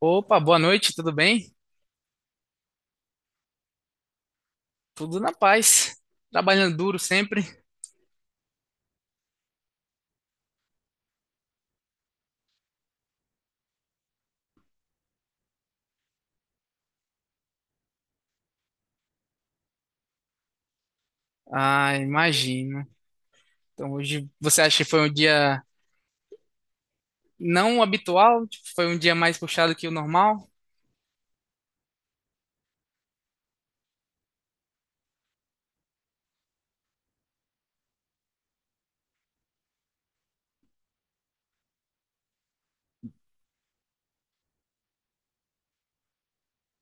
Opa, boa noite, tudo bem? Tudo na paz. Trabalhando duro sempre. Ah, imagino. Então hoje você acha que foi um dia não habitual? Tipo, foi um dia mais puxado que o normal?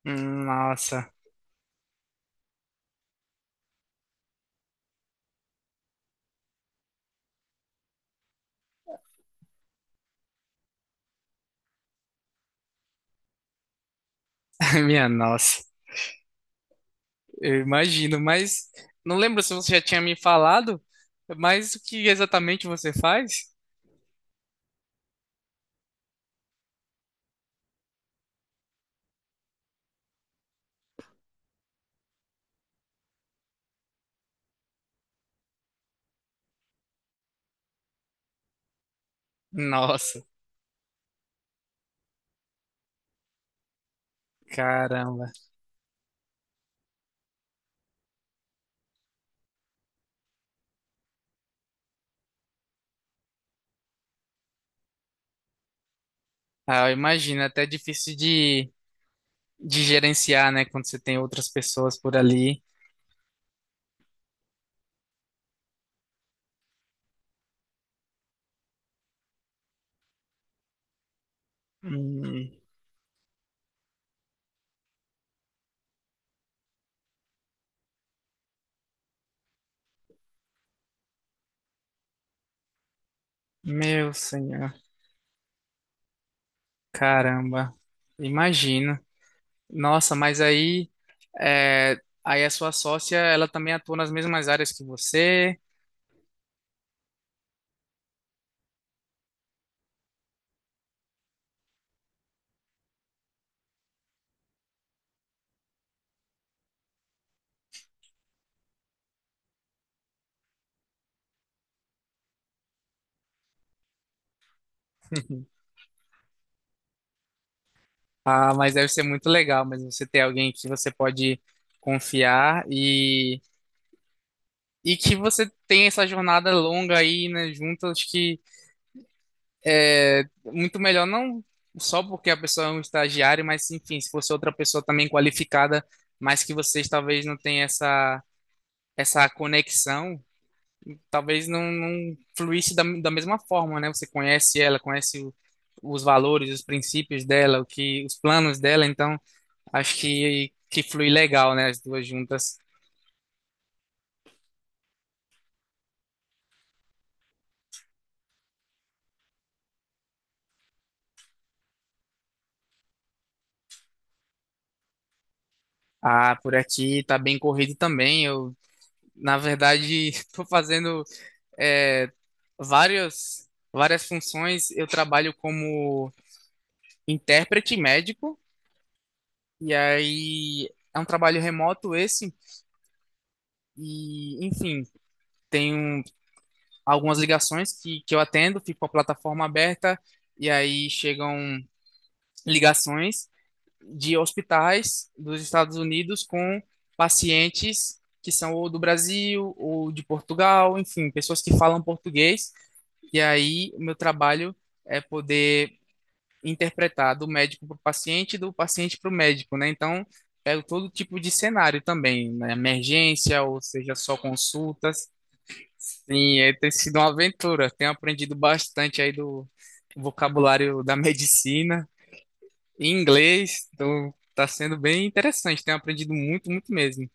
Nossa. Minha nossa. Eu imagino, mas não lembro se você já tinha me falado, mas o que exatamente você faz? Nossa, caramba. Ah, eu imagino, é até difícil de gerenciar, né, quando você tem outras pessoas por ali. Hum, meu senhor. Caramba, imagino. Nossa, mas aí, é, aí a sua sócia, ela também atua nas mesmas áreas que você. Ah, mas deve ser muito legal, mas você ter alguém que você pode confiar e que você tem essa jornada longa aí, né, junto, acho que é muito melhor não só porque a pessoa é um estagiário, mas enfim, se fosse outra pessoa também qualificada, mas que vocês talvez não tenham essa conexão, talvez não, não fluísse da mesma forma, né? Você conhece ela, conhece os valores, os princípios dela, o que, os planos dela, então acho que flui legal, né? As duas juntas. Ah, por aqui tá bem corrido também. Eu, na verdade, tô fazendo é, várias funções. Eu trabalho como intérprete médico, e aí é um trabalho remoto esse, e enfim. Tenho algumas ligações que eu atendo, fico com a plataforma aberta, e aí chegam ligações de hospitais dos Estados Unidos com pacientes que são ou do Brasil ou de Portugal, enfim, pessoas que falam português, e aí o meu trabalho é poder interpretar do médico para o paciente e do paciente para o médico, né? Então, pego todo tipo de cenário também, né? Emergência, ou seja, só consultas. Sim, é, tem sido uma aventura. Tenho aprendido bastante aí do vocabulário da medicina e inglês. Então, tá sendo bem interessante. Tenho aprendido muito, muito mesmo.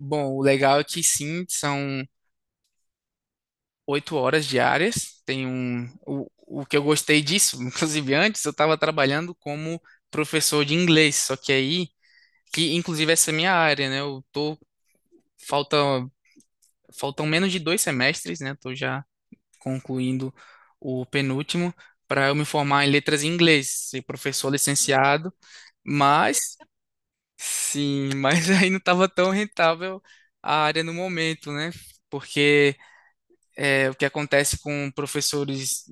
Bom, o legal é que sim, são oito horas diárias. Tem o que eu gostei disso, inclusive antes, eu estava trabalhando como professor de inglês. Só que aí, que inclusive essa é a minha área, né? Eu tô, falta, faltam menos de dois semestres, né? Tô já concluindo o penúltimo, para eu me formar em letras em inglês, ser professor licenciado, mas sim, mas aí não estava tão rentável a área no momento, né? Porque é, o que acontece com professores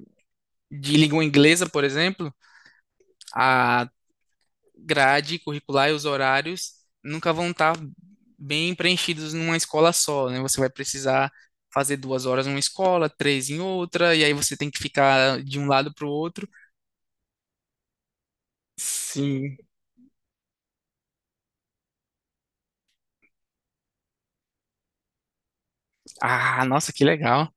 de língua inglesa, por exemplo, a grade curricular e os horários nunca vão estar bem preenchidos numa escola só, né? Você vai precisar fazer duas horas numa escola, três em outra, e aí você tem que ficar de um lado para o outro. Sim. Ah, nossa, que legal.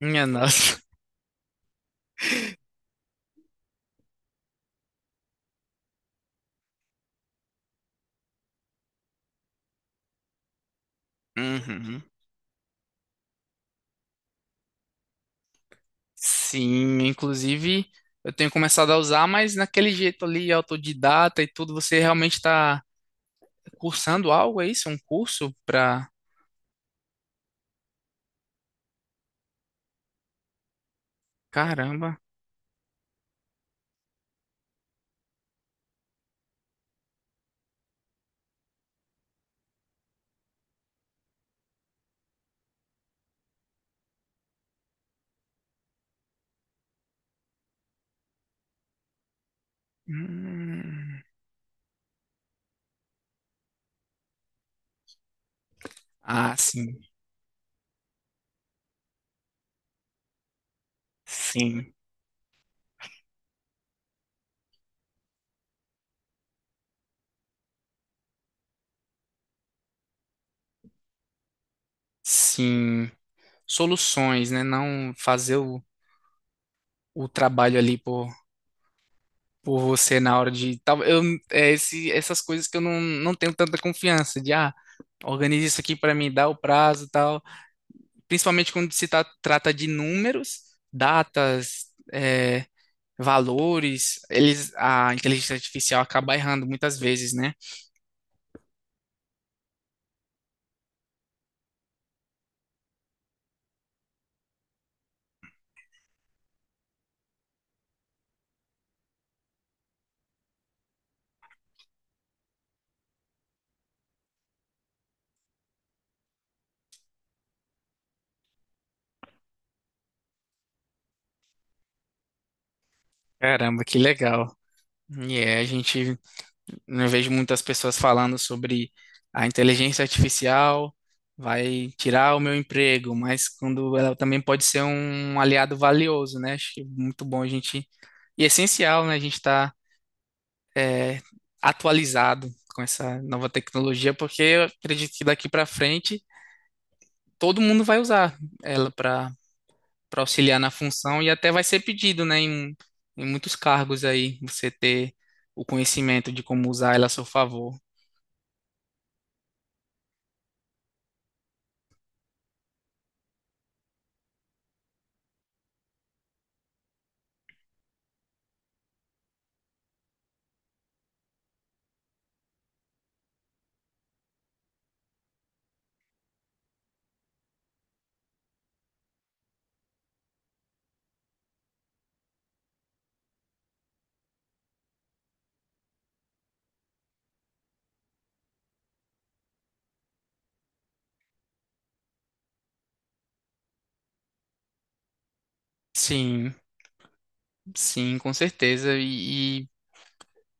Minha nossa. Uhum. Sim, inclusive eu tenho começado a usar, mas naquele jeito ali, autodidata e tudo, você realmente está cursando algo, é isso? Um curso pra. Caramba. Hum. Ah, sim, sim, sim. Soluções, né? Não fazer o trabalho ali por você na hora de tal, eu é esse essas coisas que eu não tenho tanta confiança de, ah, organize isso aqui para mim, dá o prazo e tal, principalmente quando se trata de números, datas, é, valores, eles, a inteligência artificial acaba errando muitas vezes, né? Caramba, que legal. E é a gente Não vejo muitas pessoas falando sobre a inteligência artificial vai tirar o meu emprego, mas quando ela também pode ser um aliado valioso, né? Acho que é muito bom a gente, é essencial, né? A gente estar atualizado com essa nova tecnologia, porque eu acredito que daqui para frente todo mundo vai usar ela para auxiliar na função e até vai ser pedido, né? Em muitos cargos aí você ter o conhecimento de como usar ela a seu favor. Sim. Sim, com certeza. E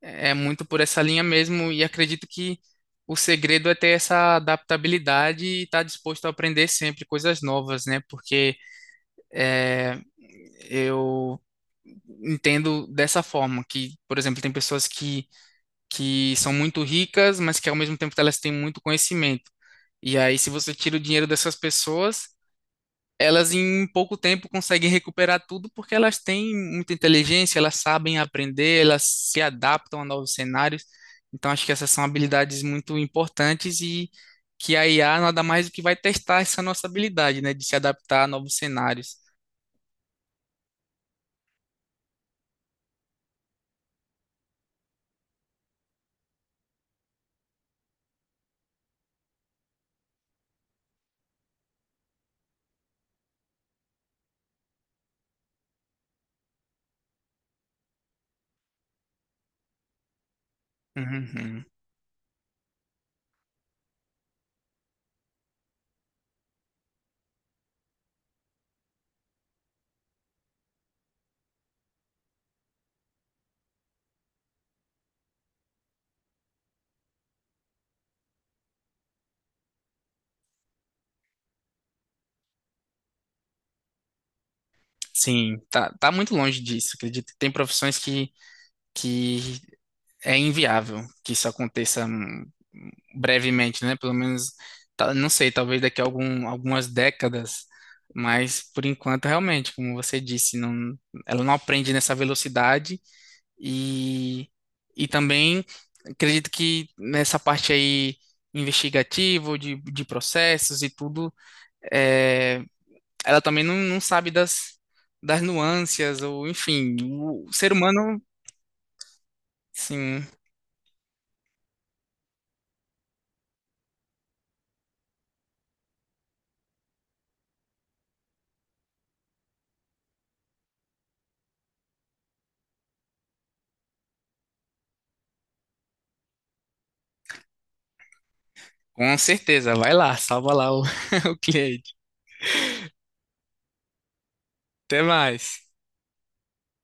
é muito por essa linha mesmo. E acredito que o segredo é ter essa adaptabilidade e estar disposto a aprender sempre coisas novas, né? Porque é, eu entendo dessa forma que, por exemplo, tem pessoas que são muito ricas, mas que ao mesmo tempo elas têm muito conhecimento. E aí, se você tira o dinheiro dessas pessoas, elas em pouco tempo conseguem recuperar tudo porque elas têm muita inteligência, elas sabem aprender, elas se adaptam a novos cenários. Então, acho que essas são habilidades muito importantes e que a IA nada mais do que vai testar essa nossa habilidade, né, de se adaptar a novos cenários. Uhum. Sim, tá muito longe disso, acredito. Tem profissões que é inviável que isso aconteça, brevemente, né? Pelo menos, tá- não sei, talvez daqui a algumas décadas, mas por enquanto, realmente, como você disse, não, ela não aprende nessa velocidade e, e também acredito que nessa parte aí investigativa, de processos e tudo, é, ela também não sabe das nuances, ou enfim, o ser humano, sim. Com certeza, vai lá, salva lá o, o cliente. Até mais.